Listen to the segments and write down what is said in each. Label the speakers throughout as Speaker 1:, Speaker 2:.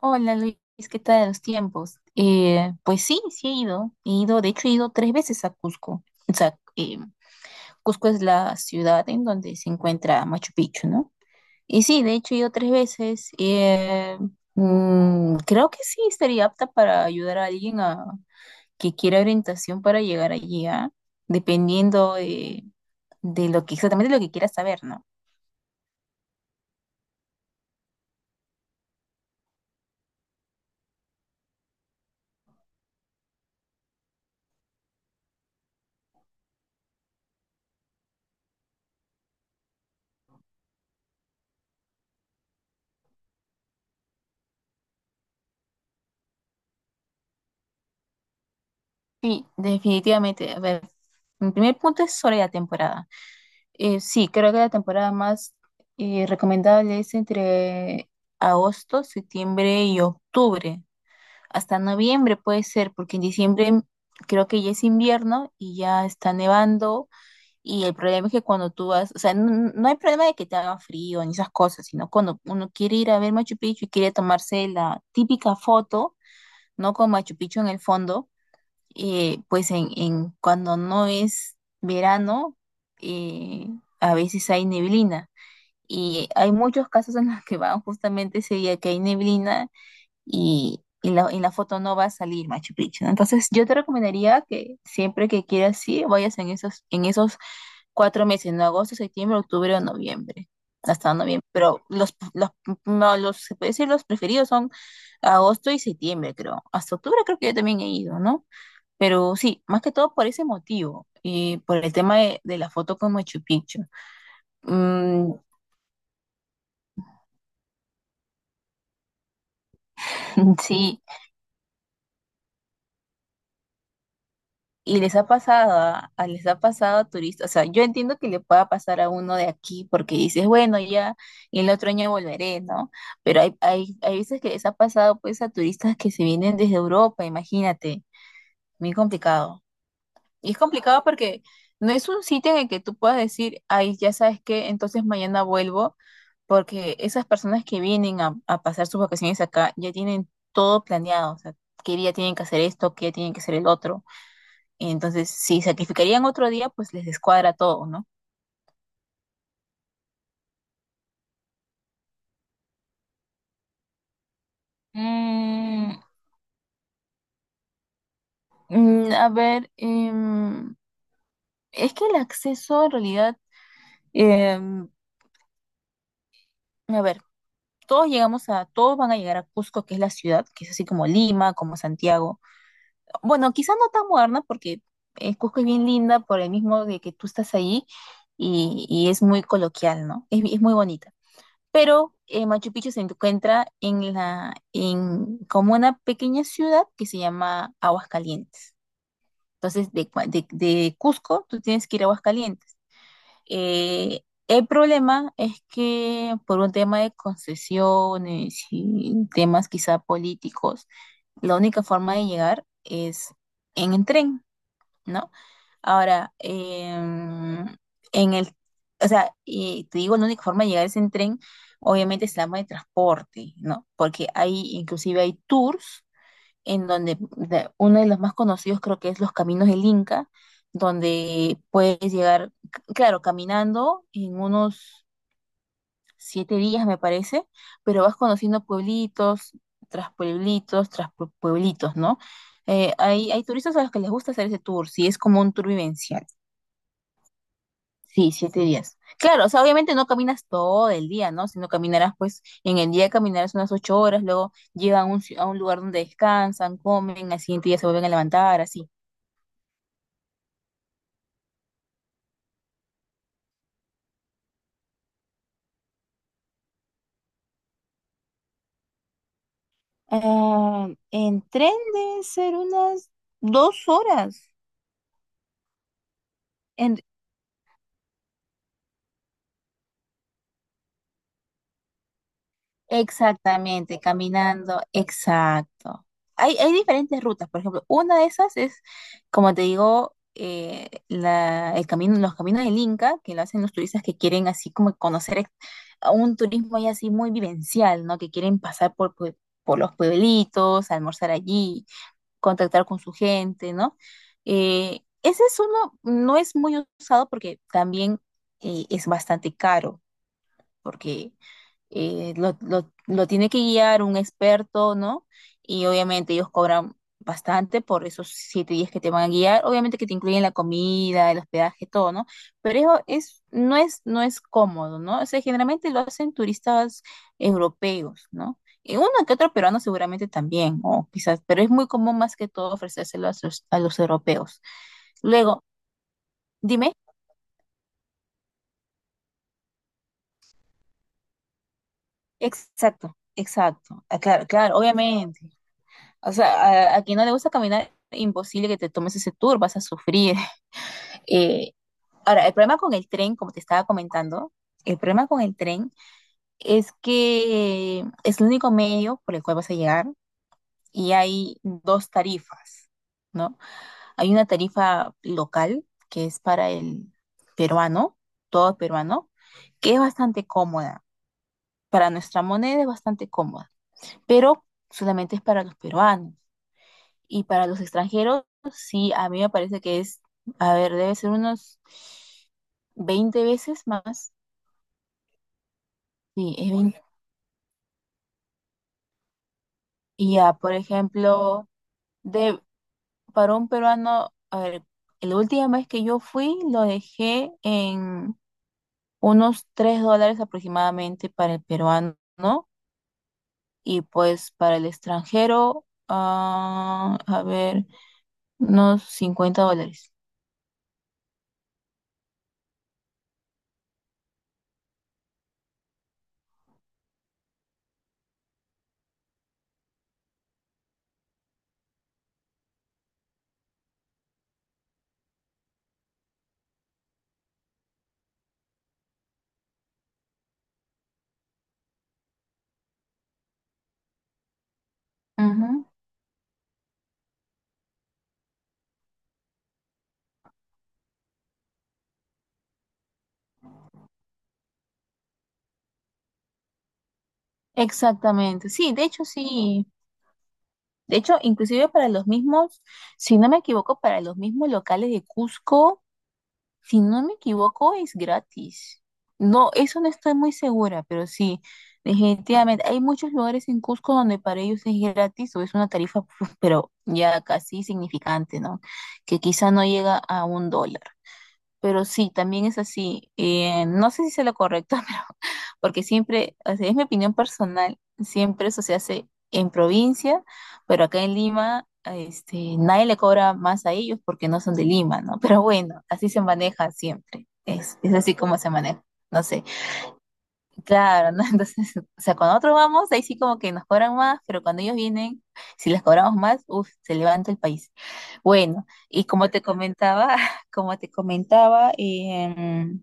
Speaker 1: Hola Luis, ¿qué tal los tiempos? Pues sí, sí he ido. He ido, de hecho he ido 3 veces a Cusco. O sea, Cusco es la ciudad en donde se encuentra Machu Picchu, ¿no? Y sí, de hecho he ido tres veces. Creo que sí estaría apta para ayudar a alguien a, que quiera orientación para llegar allí, ¿ah? Dependiendo de lo que exactamente lo que quiera saber, ¿no? Sí, definitivamente. A ver, mi primer punto es sobre la temporada. Sí, creo que la temporada más recomendable es entre agosto, septiembre y octubre. Hasta noviembre puede ser, porque en diciembre creo que ya es invierno y ya está nevando. Y el problema es que cuando tú vas, o sea, no, no hay problema de que te haga frío ni esas cosas, sino cuando uno quiere ir a ver Machu Picchu y quiere tomarse la típica foto, ¿no? Con Machu Picchu en el fondo pues en cuando no es verano, eh, a veces hay neblina. Y hay muchos casos en los que van justamente ese día que hay neblina y en la foto no va a salir Machu Picchu, ¿no? Entonces yo te recomendaría que siempre que quieras sí vayas en esos 4 meses, en agosto, septiembre, octubre o noviembre. Hasta noviembre, pero los, no, los, se puede decir los preferidos son agosto y septiembre, creo. Hasta octubre creo que yo también he ido, ¿no? Pero sí, más que todo por ese motivo, y por el tema de la foto con Machu Picchu. Mm, sí, y les ha pasado, les ha pasado a turistas, o sea, yo entiendo que le pueda pasar a uno de aquí porque dices, bueno, ya el otro año volveré, ¿no? Pero hay veces que les ha pasado pues a turistas que se vienen desde Europa, imagínate, muy complicado. Y es complicado porque no es un sitio en el que tú puedas decir, ay, ya sabes qué, entonces mañana vuelvo, porque esas personas que vienen a pasar sus vacaciones acá ya tienen todo planeado, o sea, qué día tienen que hacer esto, qué día tienen que hacer el otro. Y entonces, si sacrificarían otro día, pues les descuadra todo, ¿no? Mm, a ver, es que el acceso en realidad, em, a ver, todos llegamos a, todos van a llegar a Cusco, que es la ciudad, que es así como Lima, como Santiago. Bueno, quizá no tan moderna porque Cusco es bien linda por el mismo de que tú estás ahí y es muy coloquial, ¿no? Es, es muy bonita. Pero Machu Picchu se encuentra en la, en como una pequeña ciudad que se llama Aguascalientes. Entonces, de Cusco, tú tienes que ir a Aguascalientes. Eh, el problema es que por un tema de concesiones y temas quizá políticos, la única forma de llegar es en el tren, ¿no? Ahora, en el, o sea, y te digo, la única forma de llegar es en tren, obviamente es la modo de transporte, ¿no? Porque hay, inclusive hay tours en donde uno de los más conocidos creo que es los Caminos del Inca, donde puedes llegar, claro, caminando en unos 7 días, me parece, pero vas conociendo pueblitos, tras pueblitos, tras pueblitos, ¿no? Hay turistas a los que les gusta hacer ese tour, sí, es como un tour vivencial. Sí, siete días. Claro, o sea, obviamente no caminas todo el día, ¿no? Sino caminarás, pues, en el día caminarás unas 8 horas, luego llegan a a un lugar donde descansan, comen, al siguiente día se vuelven a levantar, así. Ah, en tren deben ser unas 2 horas. En Exactamente, caminando, exacto. Hay diferentes rutas, por ejemplo, una de esas es, como te digo, el camino, los caminos del Inca, que lo hacen los turistas que quieren así como conocer a un turismo ya así muy vivencial, ¿no? Que quieren pasar por los pueblitos, almorzar allí, contactar con su gente, ¿no? Ese es uno, no es muy usado porque también es bastante caro, porque lo tiene que guiar un experto, ¿no? Y obviamente ellos cobran bastante por esos 7 días que te van a guiar. Obviamente que te incluyen la comida, el hospedaje, todo, ¿no? Pero eso es, no es, no es cómodo, ¿no? O sea, generalmente lo hacen turistas europeos, ¿no? Y uno que otro peruano seguramente también, o quizás, pero es muy común más que todo ofrecérselo a los europeos. Luego, dime, exacto, exacto, ah, claro, claro, obviamente. O sea, a quien no le gusta caminar, imposible que te tomes ese tour, vas a sufrir. Eh, Ahora, el problema con el tren, como te estaba comentando, el problema con el tren es que es el único medio por el cual vas a llegar y hay dos tarifas, ¿no? Hay una tarifa local que es para el peruano, todo peruano, que es bastante cómoda. Para nuestra moneda es bastante cómoda, pero solamente es para los peruanos. Y para los extranjeros, sí, a mí me parece que es, a ver, debe ser unos 20 veces más. Sí, es 20. Y ya, por ejemplo, de, para un peruano, a ver, la última vez que yo fui lo dejé en unos $3 aproximadamente para el peruano, ¿no? Y pues para el extranjero, ah, a ver, unos $50. Ujú. Exactamente, sí. De hecho, inclusive para los mismos, si no me equivoco, para los mismos locales de Cusco, si no me equivoco, es gratis. No, eso no estoy muy segura, pero sí, definitivamente. Hay muchos lugares en Cusco donde para ellos es gratis o es una tarifa, pues, pero ya casi significante, ¿no? Que quizá no llega a $1. Pero sí, también es así. No sé si sea lo correcto, pero porque siempre, o sea, es mi opinión personal, siempre eso se hace en provincia, pero acá en Lima, este, nadie le cobra más a ellos porque no son de Lima, ¿no? Pero bueno, así se maneja siempre. Es así como se maneja. No sé. Claro, ¿no? Entonces, o sea, cuando nosotros vamos, ahí sí como que nos cobran más, pero cuando ellos vienen, si les cobramos más, uff, se levanta el país. Bueno, y como te comentaba, como te comentaba,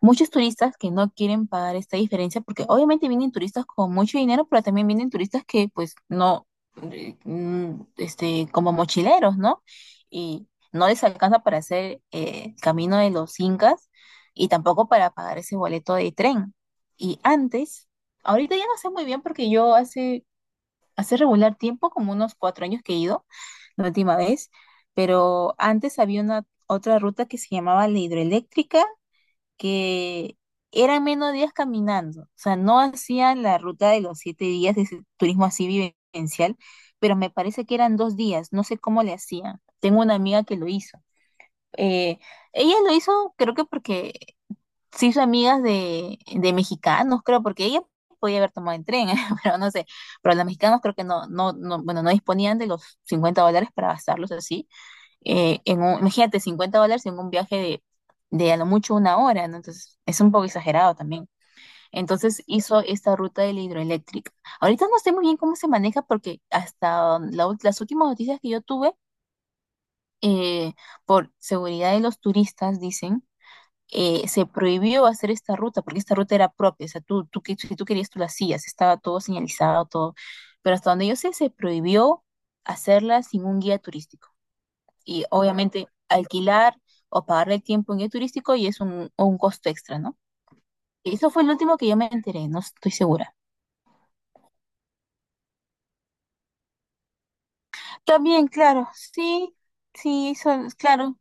Speaker 1: muchos turistas que no quieren pagar esta diferencia, porque obviamente vienen turistas con mucho dinero, pero también vienen turistas que pues no, este, como mochileros, ¿no? Y no les alcanza para hacer el camino de los incas y tampoco para pagar ese boleto de tren. Y antes, ahorita ya no sé muy bien porque yo hace, hace regular tiempo, como unos 4 años que he ido, la última vez, pero antes había una otra ruta que se llamaba la hidroeléctrica que eran menos días caminando, o sea, no hacían la ruta de los 7 días de ese turismo así vivencial, pero me parece que eran 2 días, no sé cómo le hacían. Tengo una amiga que lo hizo. Eh, Ella lo hizo, creo que porque se hizo amigas de mexicanos, creo, porque ella podía haber tomado el tren, pero no sé, pero los mexicanos creo que no, no, no, bueno, no disponían de los $50 para gastarlos así en imagínate, $50 en un viaje de a lo mucho una hora, ¿no? Entonces, es un poco exagerado también. Entonces, hizo esta ruta de la hidroeléctrica. Ahorita no sé muy bien cómo se maneja porque hasta la las últimas noticias que yo tuve, eh, por seguridad de los turistas, dicen, se prohibió hacer esta ruta porque esta ruta era propia. O sea, tú, si tú querías, tú la hacías. Estaba todo señalizado, todo. Pero hasta donde yo sé, se prohibió hacerla sin un guía turístico y obviamente alquilar o pagar el tiempo en guía turístico y es un costo extra, ¿no? Eso fue el último que yo me enteré, no estoy segura. También, claro, sí, sí, son, claro,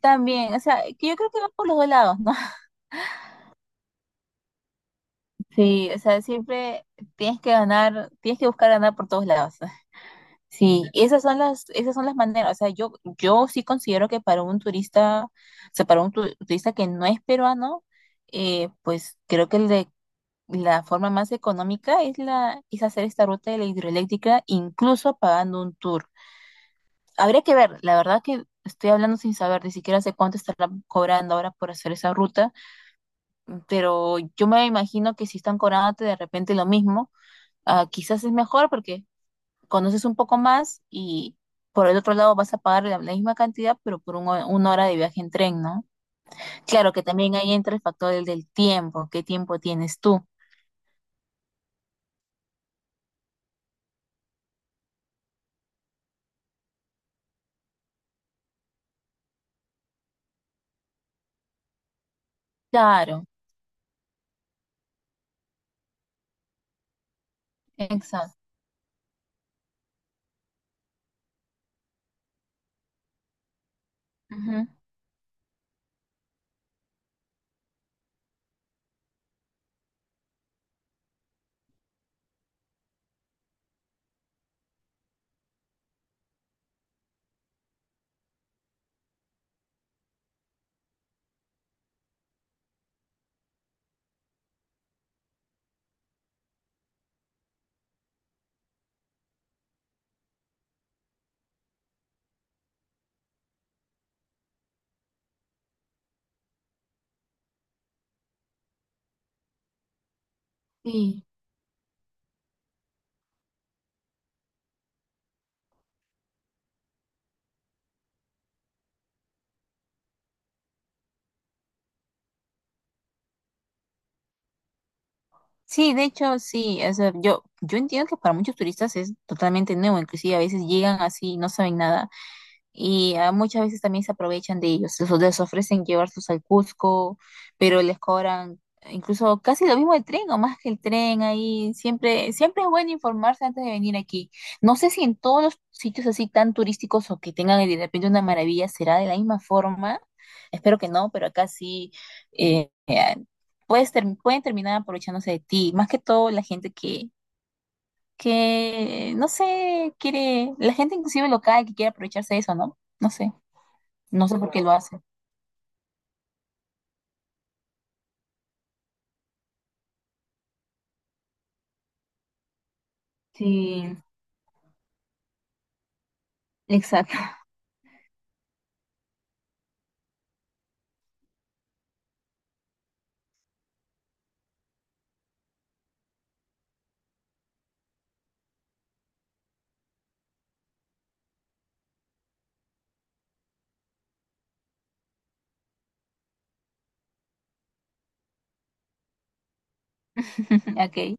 Speaker 1: también, o sea, que yo creo que va por los dos lados, ¿no? Sí, o sea, siempre tienes que ganar, tienes que buscar ganar por todos lados. Sí, y esas son las maneras, o sea, yo sí considero que para un turista, o sea, para un turista que no es peruano, pues creo que el de la forma más económica es, la, es hacer esta ruta de la hidroeléctrica, incluso pagando un tour. Habría que ver, la verdad que estoy hablando sin saber, ni siquiera sé cuánto estarán cobrando ahora por hacer esa ruta, pero yo me imagino que si están cobrándote de repente lo mismo, ah, quizás es mejor porque conoces un poco más y por el otro lado vas a pagar la, la misma cantidad, pero por un una hora de viaje en tren, ¿no? Claro que también ahí entra el factor del, del tiempo, ¿qué tiempo tienes tú? Claro, exacto. Ujú. Sí, sí, de hecho, sí, o sea, yo entiendo que para muchos turistas es totalmente nuevo, inclusive a veces llegan así y no saben nada. Y ah, muchas veces también se aprovechan de ellos, les ofrecen llevarlos al Cusco, pero les cobran incluso casi lo mismo el tren o más que el tren ahí. Siempre, siempre es bueno informarse antes de venir aquí. No sé si en todos los sitios así tan turísticos o que tengan de repente una maravilla será de la misma forma. Espero que no, pero acá sí eh, eh, pueden terminar aprovechándose de ti. Más que todo la gente que, no sé, quiere, la gente inclusive local que quiere aprovecharse de eso, ¿no? No sé. No sé por qué lo hace. Sí, exacto. Ok.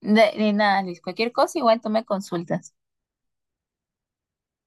Speaker 1: De nada, Luis. Cualquier cosa, igual tú me consultas.